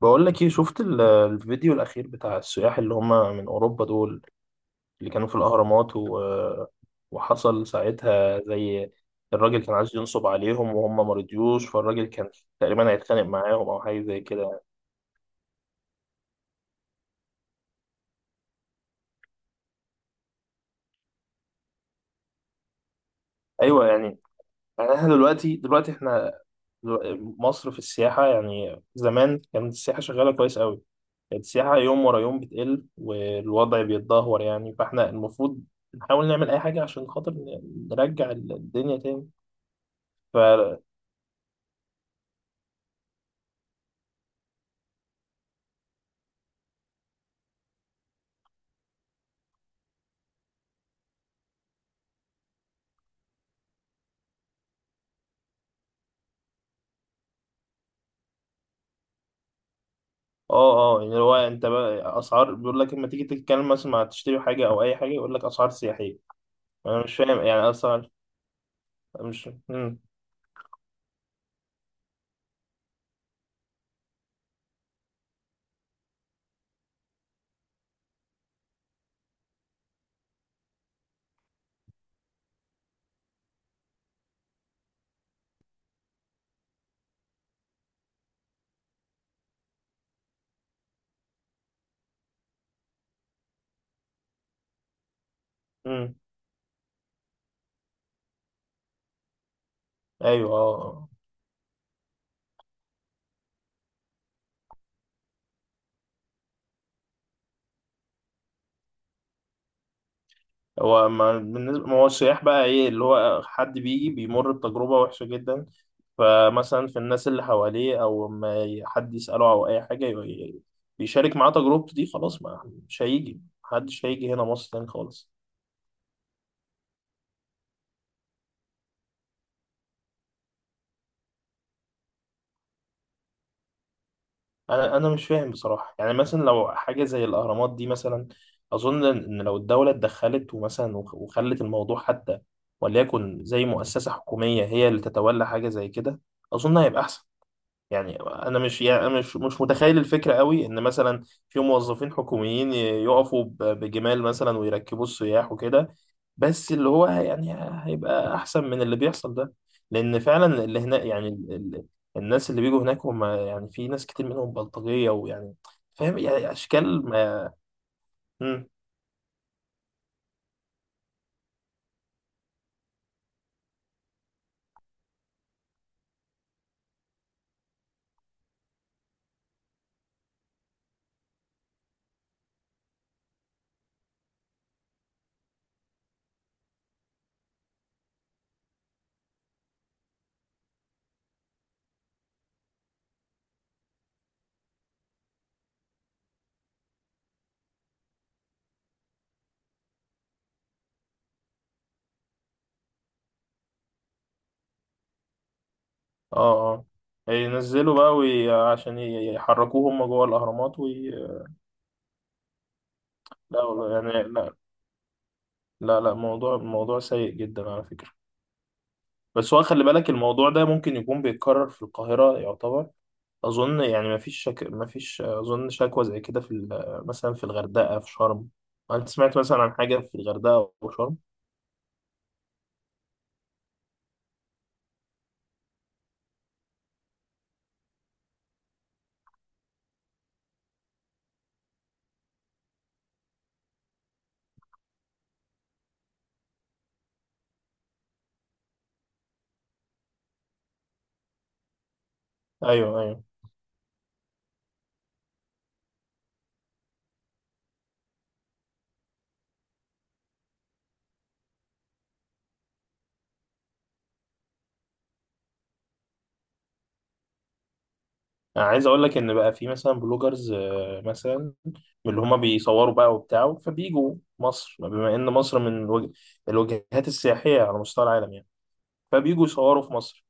بقول لك ايه، شفت الفيديو الاخير بتاع السياح اللي هم من اوروبا دول، اللي كانوا في الاهرامات وحصل ساعتها، زي الراجل كان عايز ينصب عليهم وهم ما رضيوش، فالراجل كان تقريبا هيتخانق معاهم او حاجه زي كده. ايوه يعني احنا دلوقتي مصر في السياحه، يعني زمان كانت السياحه شغاله كويس قوي، كانت السياحه يوم ورا يوم بتقل والوضع بيتدهور، يعني فاحنا المفروض نحاول نعمل اي حاجه عشان خاطر نرجع الدنيا تاني. اه اه، يعني هو انت بقى اسعار، بيقول لك لما تيجي تتكلم مثلا، مع تشتري حاجه او اي حاجه يقول لك اسعار سياحيه. انا مش فاهم يعني اسعار. مش امم ايوه اه آه. هو ما بالنسبه، ما هو السياح بقى ايه اللي هو، حد بيجي بيمر بتجربه وحشه جدا، فمثلا في الناس اللي حواليه، او ما ي- حد يساله او اي حاجه بيشارك معاه تجربته دي، خلاص ما مش هيجي، محدش هيجي هنا مصر تاني خالص. انا مش فاهم بصراحه، يعني مثلا لو حاجه زي الاهرامات دي مثلا، اظن ان لو الدوله اتدخلت ومثلا وخلت الموضوع، حتى وليكن زي مؤسسه حكوميه هي اللي تتولى حاجه زي كده، اظن هيبقى احسن. يعني انا مش يعني أنا مش متخيل الفكره قوي، ان مثلا في موظفين حكوميين يقفوا بجمال مثلا، ويركبوا السياح وكده، بس اللي هو يعني هيبقى احسن من اللي بيحصل ده، لان فعلا اللي هنا يعني الناس اللي بيجوا هناك، هم يعني في ناس كتير منهم بلطجية، ويعني فاهم يعني اشكال ما. مم. اه اه، عشان يحركوه هم جوه الاهرامات لا والله يعني، لا لا لا، موضوع سيء جدا على فكرة. بس هو خلي بالك، الموضوع ده ممكن يكون بيتكرر في القاهرة يعتبر، اظن يعني ما فيش اظن شكوى زي كده في مثلا في الغردقه، في شرم. انت سمعت مثلا عن حاجه في الغردقه او شرم؟ ايوه ايوه. انا عايز اقول لك ان بقى في مثلا بلوجرز، مثلا من اللي هما بيصوروا بقى وبتاع، فبيجوا مصر بما ان مصر من الوجهات السياحيه على مستوى العالم يعني. فبيجوا يصوروا في مصر،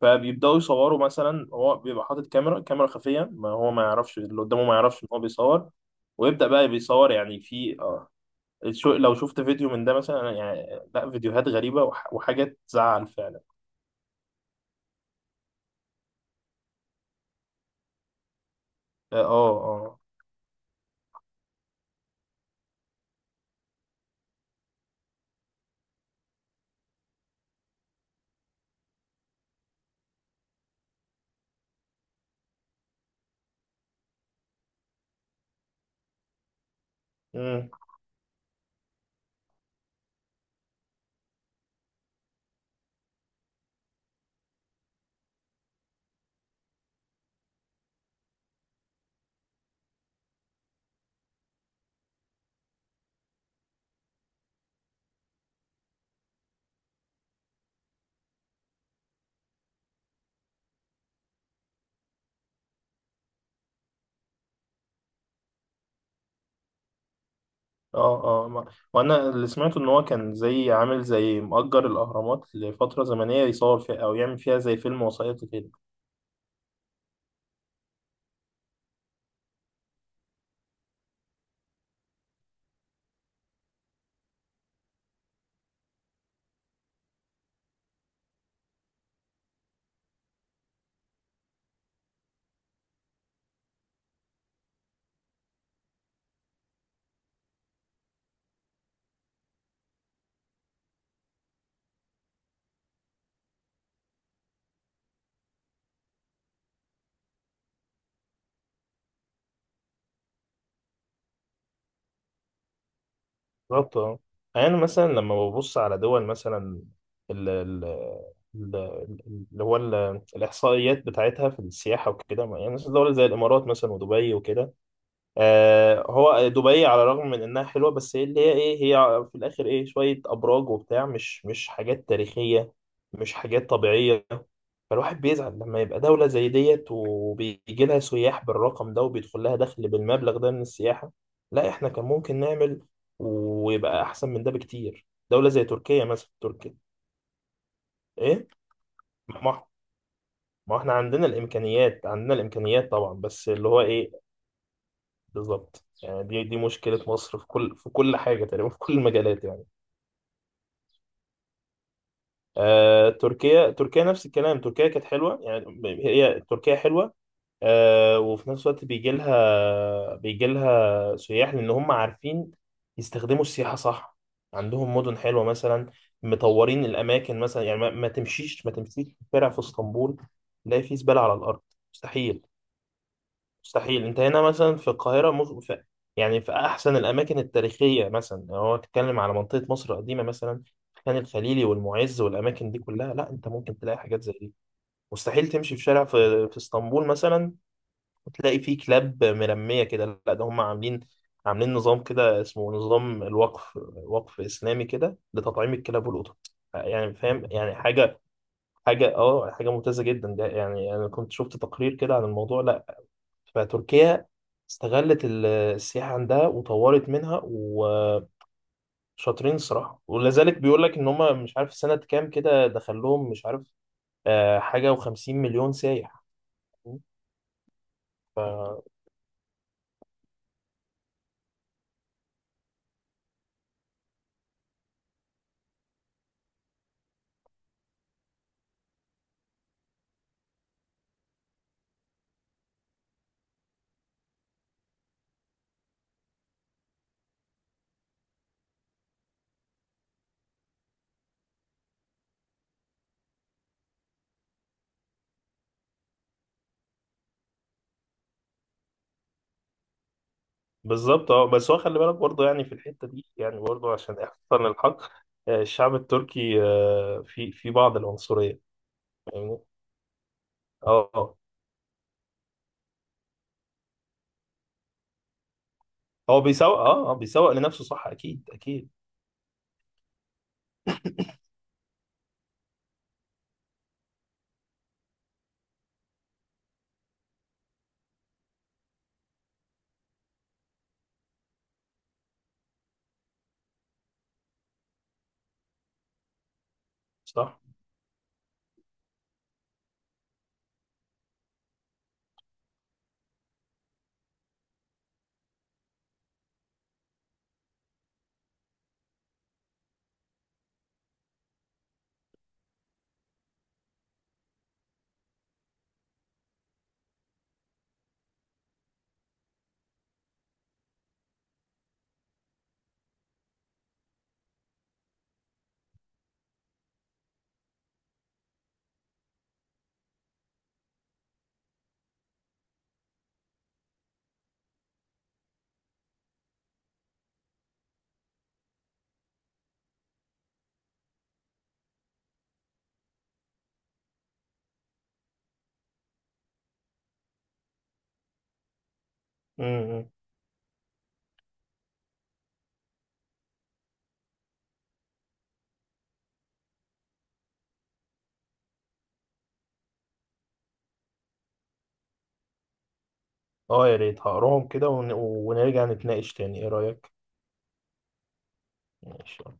فبيبداوا يصوروا مثلا، هو بيبقى حاطط كاميرا خفيه، ما هو ما يعرفش اللي قدامه، ما يعرفش ان هو بيصور، ويبدأ بقى بيصور يعني في شو لو شفت فيديو من ده مثلا، أنا يعني لا، فيديوهات غريبة وح وحاجات تزعل فعلا. اه اه. امم اه اه، وانا اللي سمعته ان هو كان زي عامل زي مؤجر الاهرامات لفترة زمنية يصور فيها، او يعمل فيها زي فيلم وثائقي كده. بالظبط اه، يعني مثلا لما ببص على دول مثلا، ال ال ال- اللي هو الإحصائيات بتاعتها في السياحة وكده، يعني مثلا دول زي الإمارات مثلا ودبي وكده. هو دبي على الرغم من انها حلوه، بس هي اللي هي ايه، هي في الاخر ايه، شويه ابراج وبتاع، مش حاجات تاريخيه، مش حاجات طبيعيه. فالواحد بيزعل لما يبقى دوله زي ديت وبيجي لها سياح بالرقم ده، وبيدخل لها دخل بالمبلغ ده من السياحه، لا احنا كان ممكن نعمل ويبقى احسن من ده بكتير، دوله زي تركيا مثلا، تركيا. ايه، ما ما احنا عندنا الامكانيات، عندنا الامكانيات طبعا، بس اللي هو ايه. بالظبط، يعني دي دي مشكلة مصر في كل، في كل حاجة تقريبا، في كل المجالات يعني. آه تركيا، تركيا نفس الكلام، تركيا كانت حلوة يعني، ب- هي تركيا حلوة. آه، وفي نفس الوقت بيجي لها سياح، لأن هم عارفين يستخدموا السياحة صح، عندهم مدن حلوة مثلا، مطورين الأماكن مثلا، يعني ما تمشيش في شارع في اسطنبول تلاقي فيه زبالة على الأرض، مستحيل. مستحيل، انت هنا مثلا في القاهرة، يعني في أحسن الأماكن التاريخية مثلا، لو هو تتكلم على منطقة مصر القديمة مثلا، خان الخليلي والمعز والأماكن دي كلها، لا انت ممكن تلاقي حاجات زي دي. مستحيل تمشي في شارع في اسطنبول مثلا، وتلاقي فيه كلاب مرمية كده، لا ده هم عاملين نظام كده اسمه نظام الوقف، وقف إسلامي كده لتطعيم الكلاب والقطط، يعني فاهم يعني حاجة، اه، حاجة ممتازة جدا، ده يعني أنا كنت شفت تقرير كده عن الموضوع. لا، فتركيا استغلت السياحة عندها وطورت منها وشاطرين. الصراحة ولا ذلك، بيقول لك ان هم مش عارف سنة كام كده دخلهم، مش عارف حاجة و50 مليون سايح. ف- بالظبط اه، بس هو خلي بالك برضه، يعني في الحتة دي يعني برضه، عشان احسن الحق الشعب التركي في في بعض العنصرية. فاهمني اه آه. هو بيسوق اه بيسوق لنفسه صح، اكيد اكيد. صح. امم اه يا ريت، هقراهم كده ونرجع نتناقش تاني، ايه رأيك؟ ماشي.